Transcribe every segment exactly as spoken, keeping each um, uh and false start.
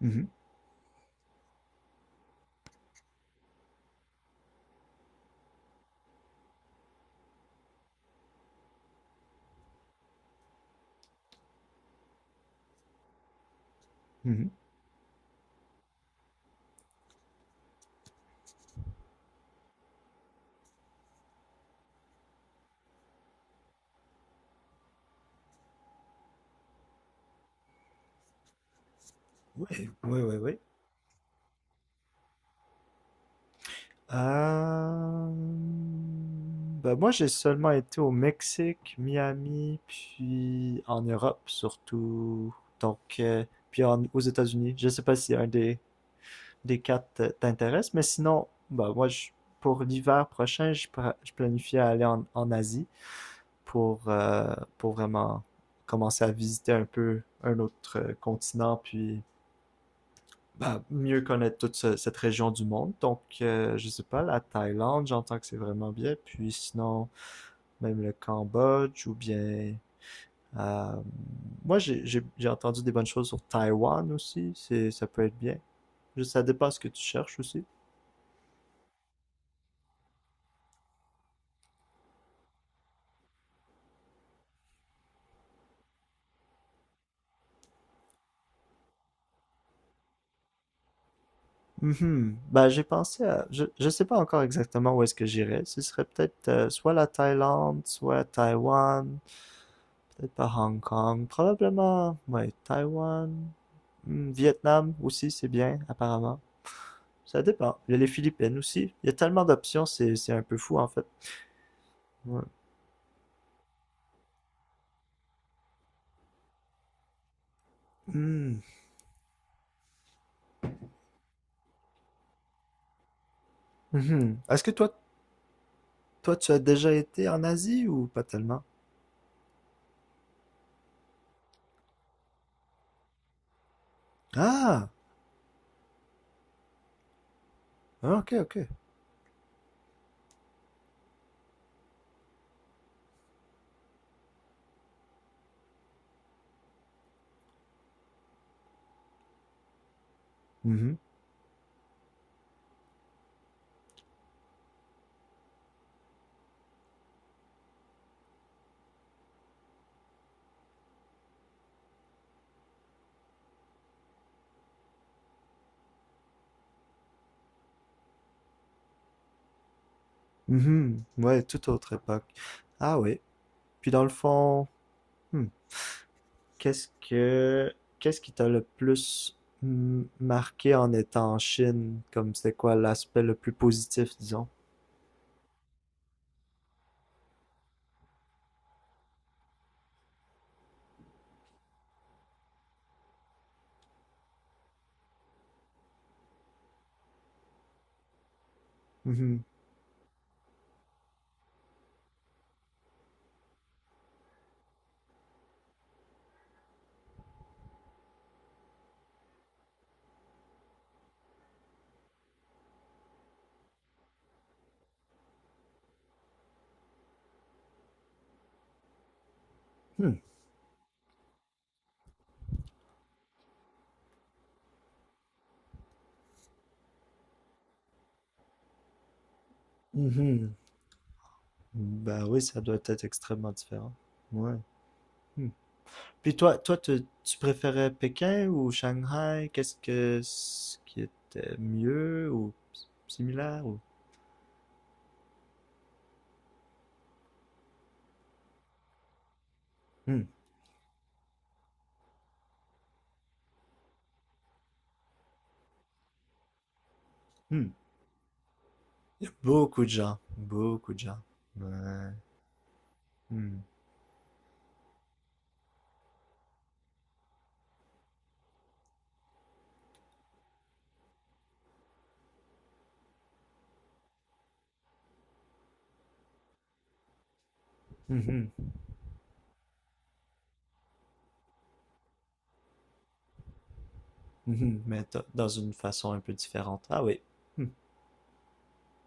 Mhm, mhm. Ouais, ouais, ouais, ouais. Euh, ben moi, j'ai seulement été au Mexique, Miami, puis en Europe surtout. Donc, euh, puis en- aux États-Unis. Je sais pas si un des, des quatre t- t'intéresse, mais sinon, ben moi, je- pour l'hiver prochain, je, pra- je planifie à aller en, en Asie pour, euh, pour vraiment commencer à visiter un peu un autre euh, continent, puis bah, mieux connaître toute ce- cette région du monde. Donc, euh, je sais pas, la Thaïlande, j'entends que c'est vraiment bien. Puis sinon, même le Cambodge ou bien... euh, moi, j'ai j'ai- j'ai entendu des bonnes choses sur Taïwan aussi. C'est, ça peut être bien. Je- Ça dépend ce que tu cherches aussi. Mhm. Ben, j'ai pensé à... Je, je sais pas encore exactement où est-ce que j'irais. Ce serait peut-être euh, soit la Thaïlande, soit Taïwan, peut-être pas Hong Kong. Probablement, ouais, Taïwan. Hmm, Vietnam aussi, c'est bien, apparemment. Ça dépend. Il y a les Philippines aussi. Il y a tellement d'options, c'est c'est un peu fou, en fait. Ouais. Hmm. Mhm. Est-ce que toi, toi, tu as déjà été en Asie ou pas tellement? Ah! Ah, ok, ok. Mhm. Mhm. Ouais, toute autre époque. Ah oui. Puis dans le fond, hmm, Qu'est-ce que qu'est-ce qui t'a le plus m- marqué en étant en Chine? Comme c'était quoi l'aspect le plus positif, disons? Mhm. Hmm. Mhm. Ben oui, ça doit être extrêmement différent. Ouais. Hmm. Puis toi, toi, tu, tu préférais Pékin ou Shanghai? Qu'est-ce que ce qui était mieux ou s- similaire ou... Hmm. Hmm. Il y a beaucoup de gens, beaucoup de gens. Ouais. Hmm. Mhm. Mhm, mais d- dans une façon un peu différente. Ah oui. Hmm.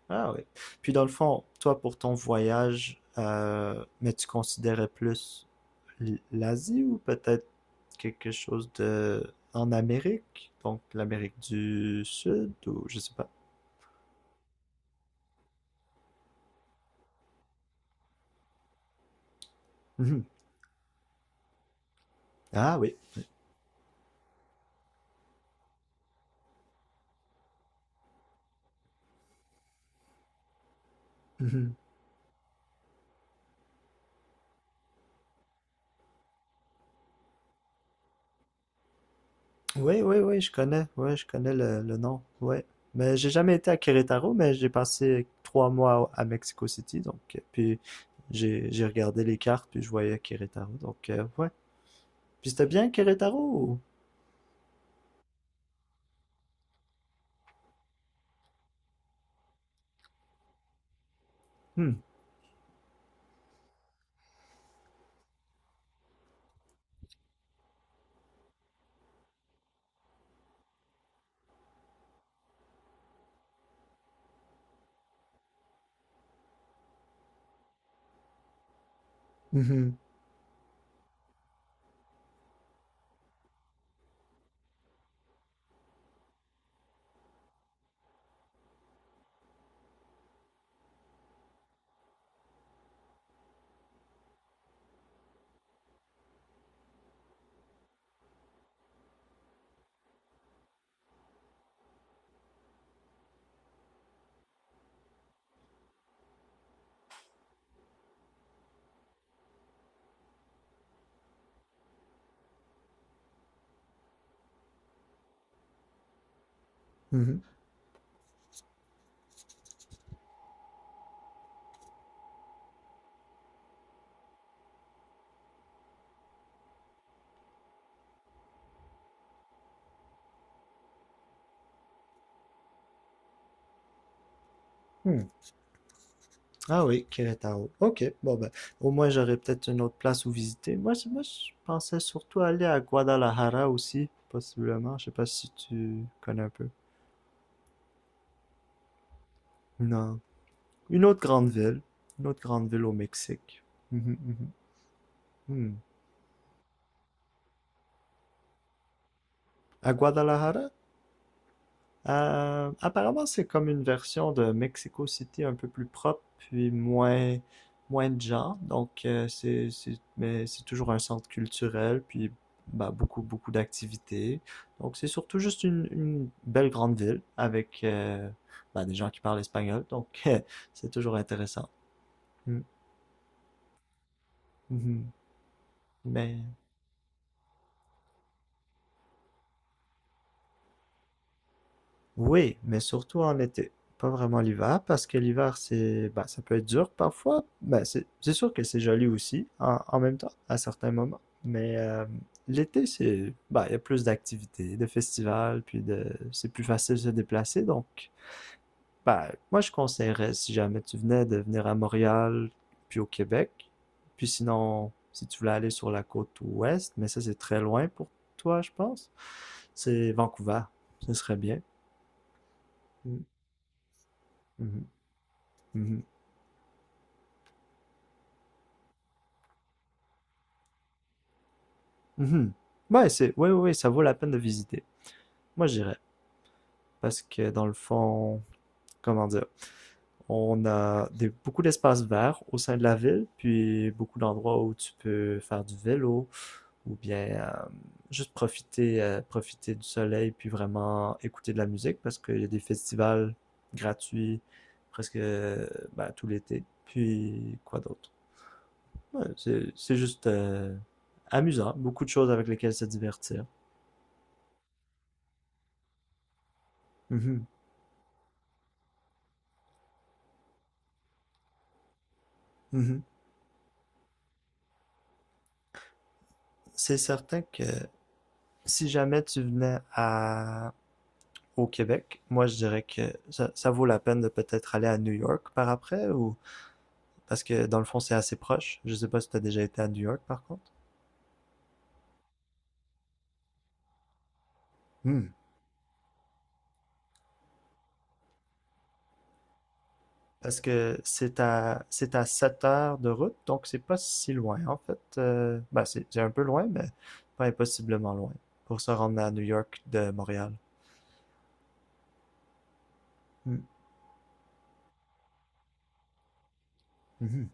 Ah oui. Puis dans le fond, toi pour ton voyage, euh, mais tu considérais plus l- l'Asie ou peut-être quelque chose de en Amérique, donc l'Amérique du Sud ou je sais pas. Mhm. Ah oui. Oui, oui, oui, je connais, ouais, je connais le, le nom, ouais. Mais j'ai jamais été à Querétaro, mais j'ai passé trois mois à à Mexico City, donc euh, puis j'ai j'ai regardé les cartes, puis je voyais Querétaro, donc euh, ouais. Puis c'était bien Querétaro. Ou- Hmm. Mhm, mhm, hmm. Ah oui, Querétaro. Ok, bon ben, au moins j'aurais peut-être une autre place où visiter. Moi, je- moi, je pensais surtout aller à Guadalajara aussi, possiblement. Je sais pas si tu connais un peu. Non. Une autre grande ville. Une autre grande ville au Mexique. Mhm, mhm. Hmm. À Guadalajara? Euh, apparemment, c'est comme une version de Mexico City un peu plus propre, puis moins, moins de gens. Donc, euh, c'est, c'est, mais c'est toujours un centre culturel, puis bah, beaucoup, beaucoup d'activités. Donc, c'est surtout juste une, une belle grande ville avec euh, bah, des gens qui parlent espagnol. Donc, euh, c'est toujours intéressant. Mm. Mhm. Mais oui, mais surtout en été. Pas vraiment l'hiver, parce que l'hiver, c'est, bah, ça peut être dur parfois. Ben, c'est, c'est sûr que c'est joli aussi, en, en même temps, à certains moments. Mais euh, l'été, c'est, bah, il y a plus d'activités, de festivals, puis de, c'est plus facile de se déplacer. Donc, bah, moi, je conseillerais, si jamais tu venais, de venir à Montréal, puis au Québec. Puis sinon, si tu voulais aller sur la côte ouest, mais ça, c'est très loin pour toi, je pense. C'est Vancouver. Ce serait bien. Mm. Mhm. Mhm. Mhm. Ouais, c'est, ouais, ouais, ouais, ça vaut la peine de visiter. Moi, j'irais. Parce que dans le fond, comment dire, on a des, beaucoup d'espaces verts au sein de la ville, puis beaucoup d'endroits où tu peux faire du vélo ou bien euh, juste profiter, euh, profiter du soleil, puis vraiment écouter de la musique parce qu'il y a des festivals gratuits presque euh, ben, tout l'été. Puis quoi d'autre? Ouais, c'est, c'est juste euh, amusant, beaucoup de choses avec lesquelles se divertir. Mhm. Mhm. C'est certain que si jamais tu venais à au Québec, moi je dirais que ça, ça vaut la peine de peut-être aller à New York par après ou parce que dans le fond c'est assez proche. Je sais pas si tu as déjà été à New York par contre. Hmm. Parce que c'est à c'est à sept heures de route, donc c'est pas si loin en fait. Euh, ben, c'est c'est un peu loin, mais pas impossiblement loin pour se rendre à New York de Montréal. Hmm. Mhm.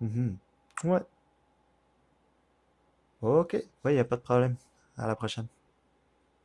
Mhm. Ouais. OK. Ouais, y a pas de problème. À la prochaine.